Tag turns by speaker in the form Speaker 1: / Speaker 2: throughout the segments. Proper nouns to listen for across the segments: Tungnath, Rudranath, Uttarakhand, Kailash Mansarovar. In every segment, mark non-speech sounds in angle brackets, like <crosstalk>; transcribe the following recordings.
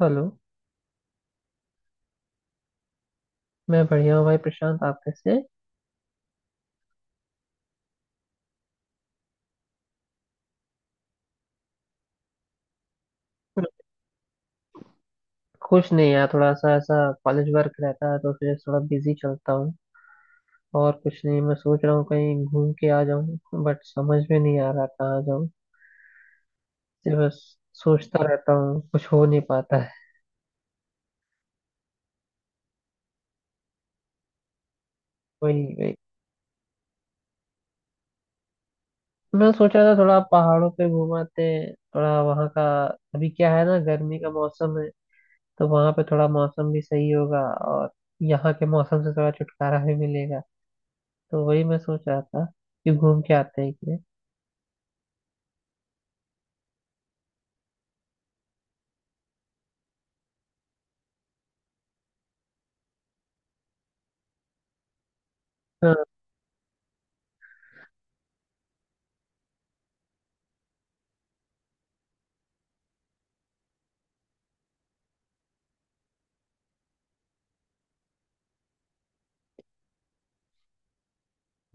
Speaker 1: Hello. मैं बढ़िया हूँ भाई प्रशांत, आप कैसे हैं? कुछ नहीं यार, थोड़ा सा ऐसा कॉलेज वर्क रहता है तो फिर थोड़ा बिजी चलता हूँ। और कुछ नहीं, मैं सोच रहा हूँ कहीं घूम के आ जाऊँ, बट समझ में नहीं आ रहा कहाँ जाऊँ। सिर्फ बस सोचता रहता हूँ, कुछ हो नहीं पाता है। वही वही, मैं सोच रहा था थोड़ा पहाड़ों पे घुमाते हैं, थोड़ा वहाँ का अभी क्या है ना, गर्मी का मौसम है तो वहाँ पे थोड़ा मौसम भी सही होगा और यहाँ के मौसम से थोड़ा छुटकारा भी मिलेगा। तो वही मैं सोच रहा था कि घूम के आते हैं कि। हाँ।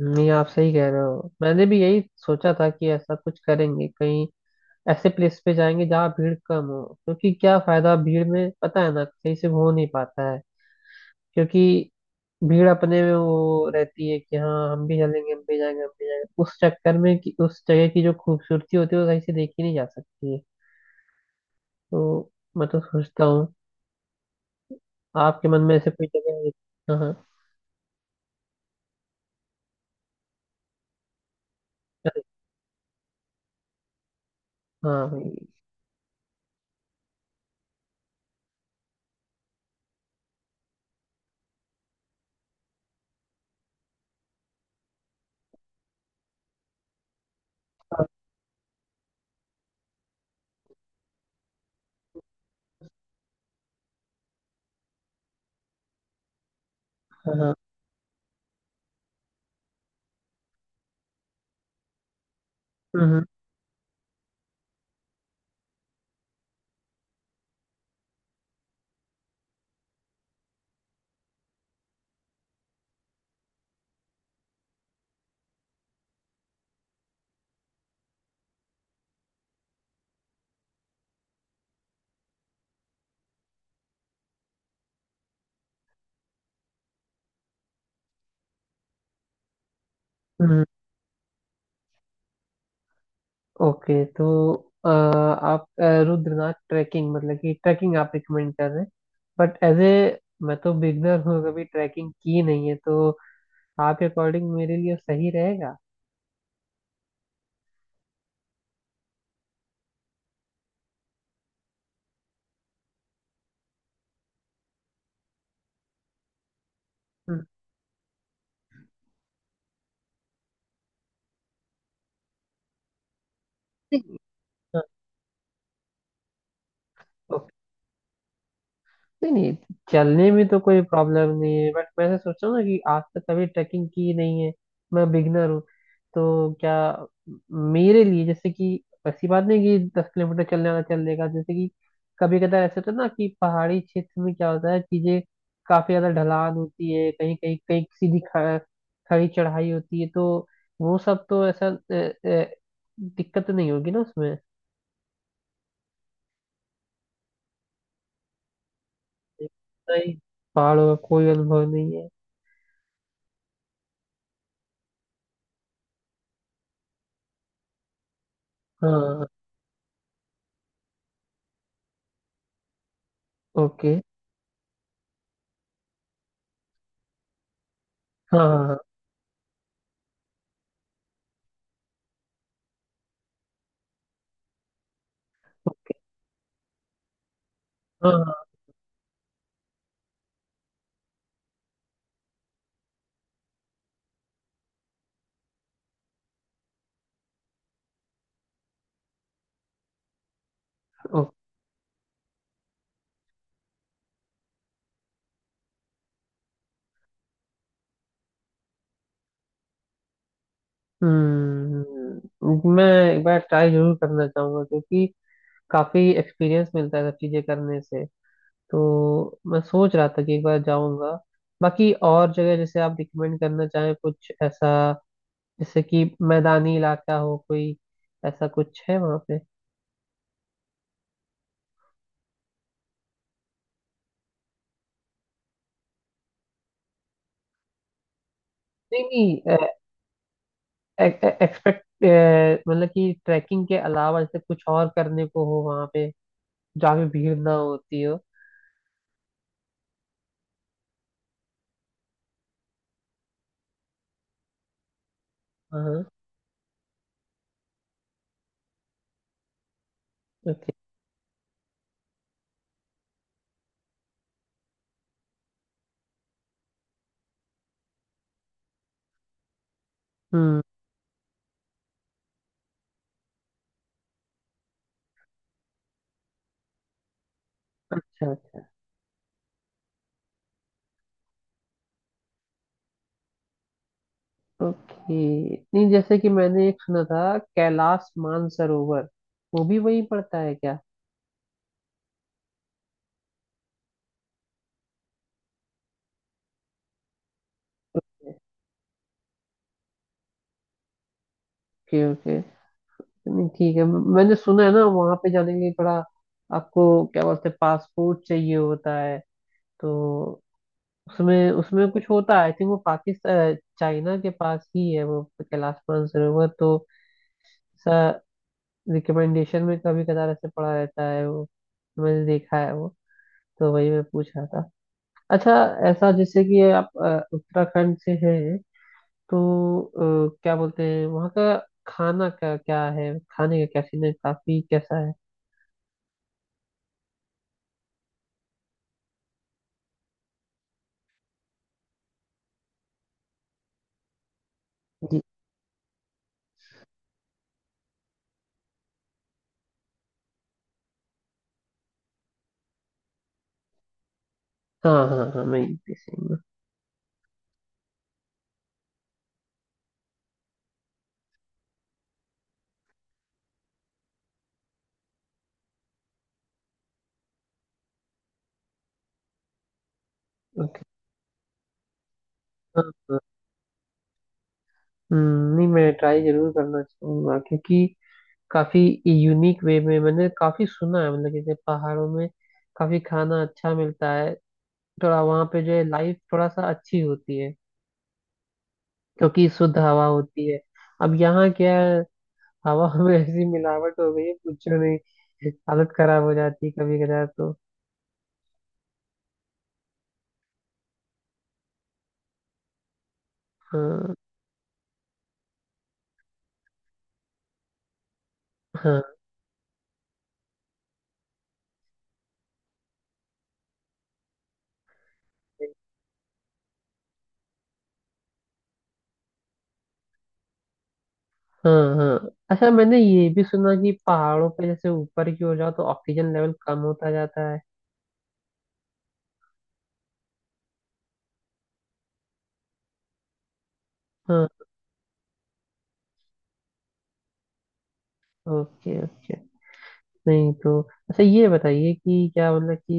Speaker 1: नहीं, आप सही कह रहे हो, मैंने भी यही सोचा था कि ऐसा कुछ करेंगे कहीं, ऐसे प्लेस पे जाएंगे जहाँ भीड़ कम हो, क्योंकि क्या फायदा भीड़ में, पता है ना, सही से हो नहीं पाता है। क्योंकि भीड़ अपने में वो रहती है कि हाँ हम भी चलेंगे, हम भी जाएंगे, हम भी जाएंगे, उस चक्कर में कि उस जगह की जो खूबसूरती होती है वो सही से देखी नहीं जा सकती है। तो मैं तो सोचता हूँ, आपके मन में ऐसे कोई जगह है? हाँ हाँ। हाँ भाई। हाँ हाँ। हम्म। हम्म। ओके तो आप रुद्रनाथ ट्रैकिंग मतलब कि ट्रैकिंग आप रिकमेंड कर रहे हैं, बट एज ए मैं तो बिगनर हूँ, कभी ट्रैकिंग की नहीं है, तो आपके अकॉर्डिंग मेरे लिए सही रहेगा? नहीं, ओके। नहीं नहीं, चलने में तो कोई प्रॉब्लम नहीं है, बट मैं ऐसा सोच रहा हूँ ना कि आज तक कभी ट्रैकिंग की नहीं है, मैं बिगनर हूँ। तो क्या मेरे लिए जैसे कि ऐसी बात नहीं कि 10 किलोमीटर चलने वाला चल लेगा, जैसे कि कभी कदार ऐसा होता है ना कि पहाड़ी क्षेत्र में क्या होता है, चीजें काफी ज्यादा ढलान होती है, कहीं कहीं कहीं सीधी खड़ी चढ़ाई होती है, तो वो सब तो ऐसा दिक्कत नहीं होगी ना उसमें? नहीं, पहाड़ों का कोई अनुभव नहीं है। हाँ। ओके। हाँ हाँ। ओके। हाँ हाँ। ओ-। हम्म, मैं एक बार ट्राई जरूर करना चाहूंगा क्योंकि काफी एक्सपीरियंस मिलता है सब चीजें करने से। तो मैं सोच रहा था कि एक बार जाऊंगा। बाकी और जगह जैसे आप रिकमेंड करना चाहें कुछ ऐसा, जैसे कि मैदानी इलाका हो कोई, ऐसा कुछ है वहाँ पे? नहीं नहीं, एक्सपेक्ट मतलब कि ट्रैकिंग के अलावा जैसे कुछ और करने को हो वहाँ पे, जहाँ पे भीड़ ना होती हो। हाँ। ओके। हम्म। अच्छा अच्छा। ओके। नहीं, जैसे कि मैंने एक सुना था कैलाश मानसरोवर, वो भी वहीं पड़ता है क्या? Okay okay. नहीं, ठीक है। मैंने सुना है ना वहां पे जाने के लिए थोड़ा आपको क्या बोलते हैं, पासपोर्ट चाहिए होता है, तो उसमें उसमें कुछ होता है, आई थिंक वो पाकिस्तान चाइना के पास ही है, वो कैलाश मानसरोवर तो ऐसा रिकमेंडेशन में कभी कदार ऐसे पड़ा रहता है वो, मैंने देखा है वो, तो वही मैं पूछ रहा था। अच्छा, ऐसा जैसे कि ये आप उत्तराखंड से हैं, तो क्या बोलते हैं वहाँ का खाना का क्या है, खाने का क्या सीन है, काफी कैसा है? जी। हाँ हाँ हाँ, मैं यूपी से हूँ। ओके। हाँ। हाँ। नहीं मैं ट्राई जरूर करना चाहूंगा क्योंकि काफी यूनिक वे में मैंने काफी सुना है, मतलब जैसे पहाड़ों में काफी खाना अच्छा मिलता है। थोड़ा वहाँ पे जो है लाइफ थोड़ा सा अच्छी होती है क्योंकि शुद्ध हवा होती है। अब यहाँ क्या है, हवा <laughs> में ऐसी मिलावट हो गई है, पूछो नहीं, हालत खराब हो जाती है कभी कदार तो। हाँ। हाँ। हाँ। हाँ, अच्छा मैंने ये भी सुना कि पहाड़ों पे जैसे ऊपर की ओर जाओ तो ऑक्सीजन लेवल कम होता जाता है। हाँ। Okay okay. नहीं तो अच्छा ये बताइए कि क्या मतलब कि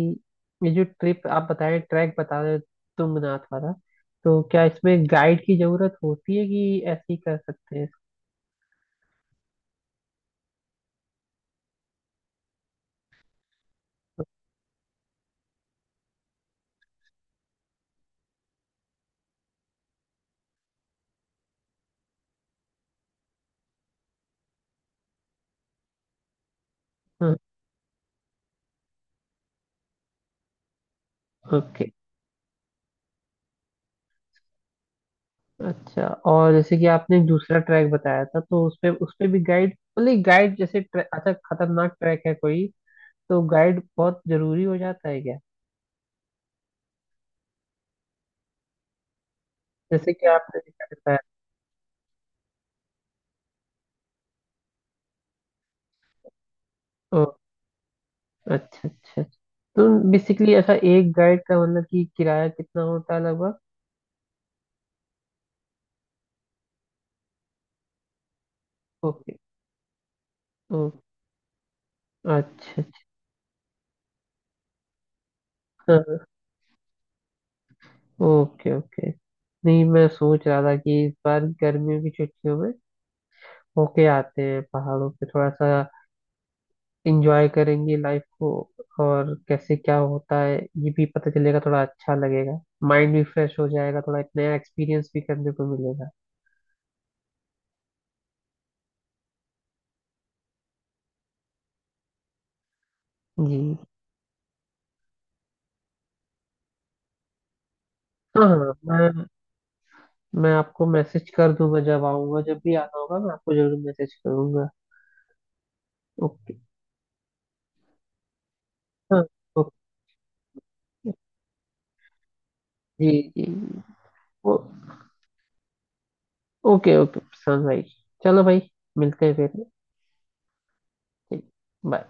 Speaker 1: ये जो ट्रिप आप बता रहे, ट्रैक बता रहे तुंगनाथ वाला, तो क्या इसमें गाइड की जरूरत होती है कि ऐसे ही कर सकते हैं? हाँ। ओके। अच्छा, और जैसे कि आपने एक दूसरा ट्रैक बताया था, तो उस पे भी गाइड, मतलब गाइड जैसे, ट्रैक अच्छा खतरनाक ट्रैक है कोई, तो गाइड बहुत जरूरी हो जाता है क्या? जैसे कि आपने दिखा बताया। ओ, अच्छा अच्छा अच्छा। तो बेसिकली ऐसा एक गाइड का मतलब कि किराया कितना होता है लगभग? ओके। ओ, अच्छा अच्छा। हाँ। Okay okay. नहीं मैं सोच रहा था कि इस बार गर्मियों की छुट्टियों में होके आते हैं पहाड़ों पे, थोड़ा सा इंजॉय करेंगे लाइफ को, और कैसे क्या होता है ये भी पता चलेगा, थोड़ा अच्छा लगेगा, माइंड भी फ्रेश हो जाएगा, थोड़ा एक नया एक्सपीरियंस भी करने को मिलेगा। जी। हाँ हाँ, मैं आपको मैसेज कर दूंगा जब आऊंगा, जब भी आना होगा मैं आपको जरूर मैसेज करूंगा। ओके। हाँ। ओके। जी। जी जी। ओ, ओके ओके प्रशांत भाई, चलो भाई, मिलते हैं फिर। ठीक, बाय।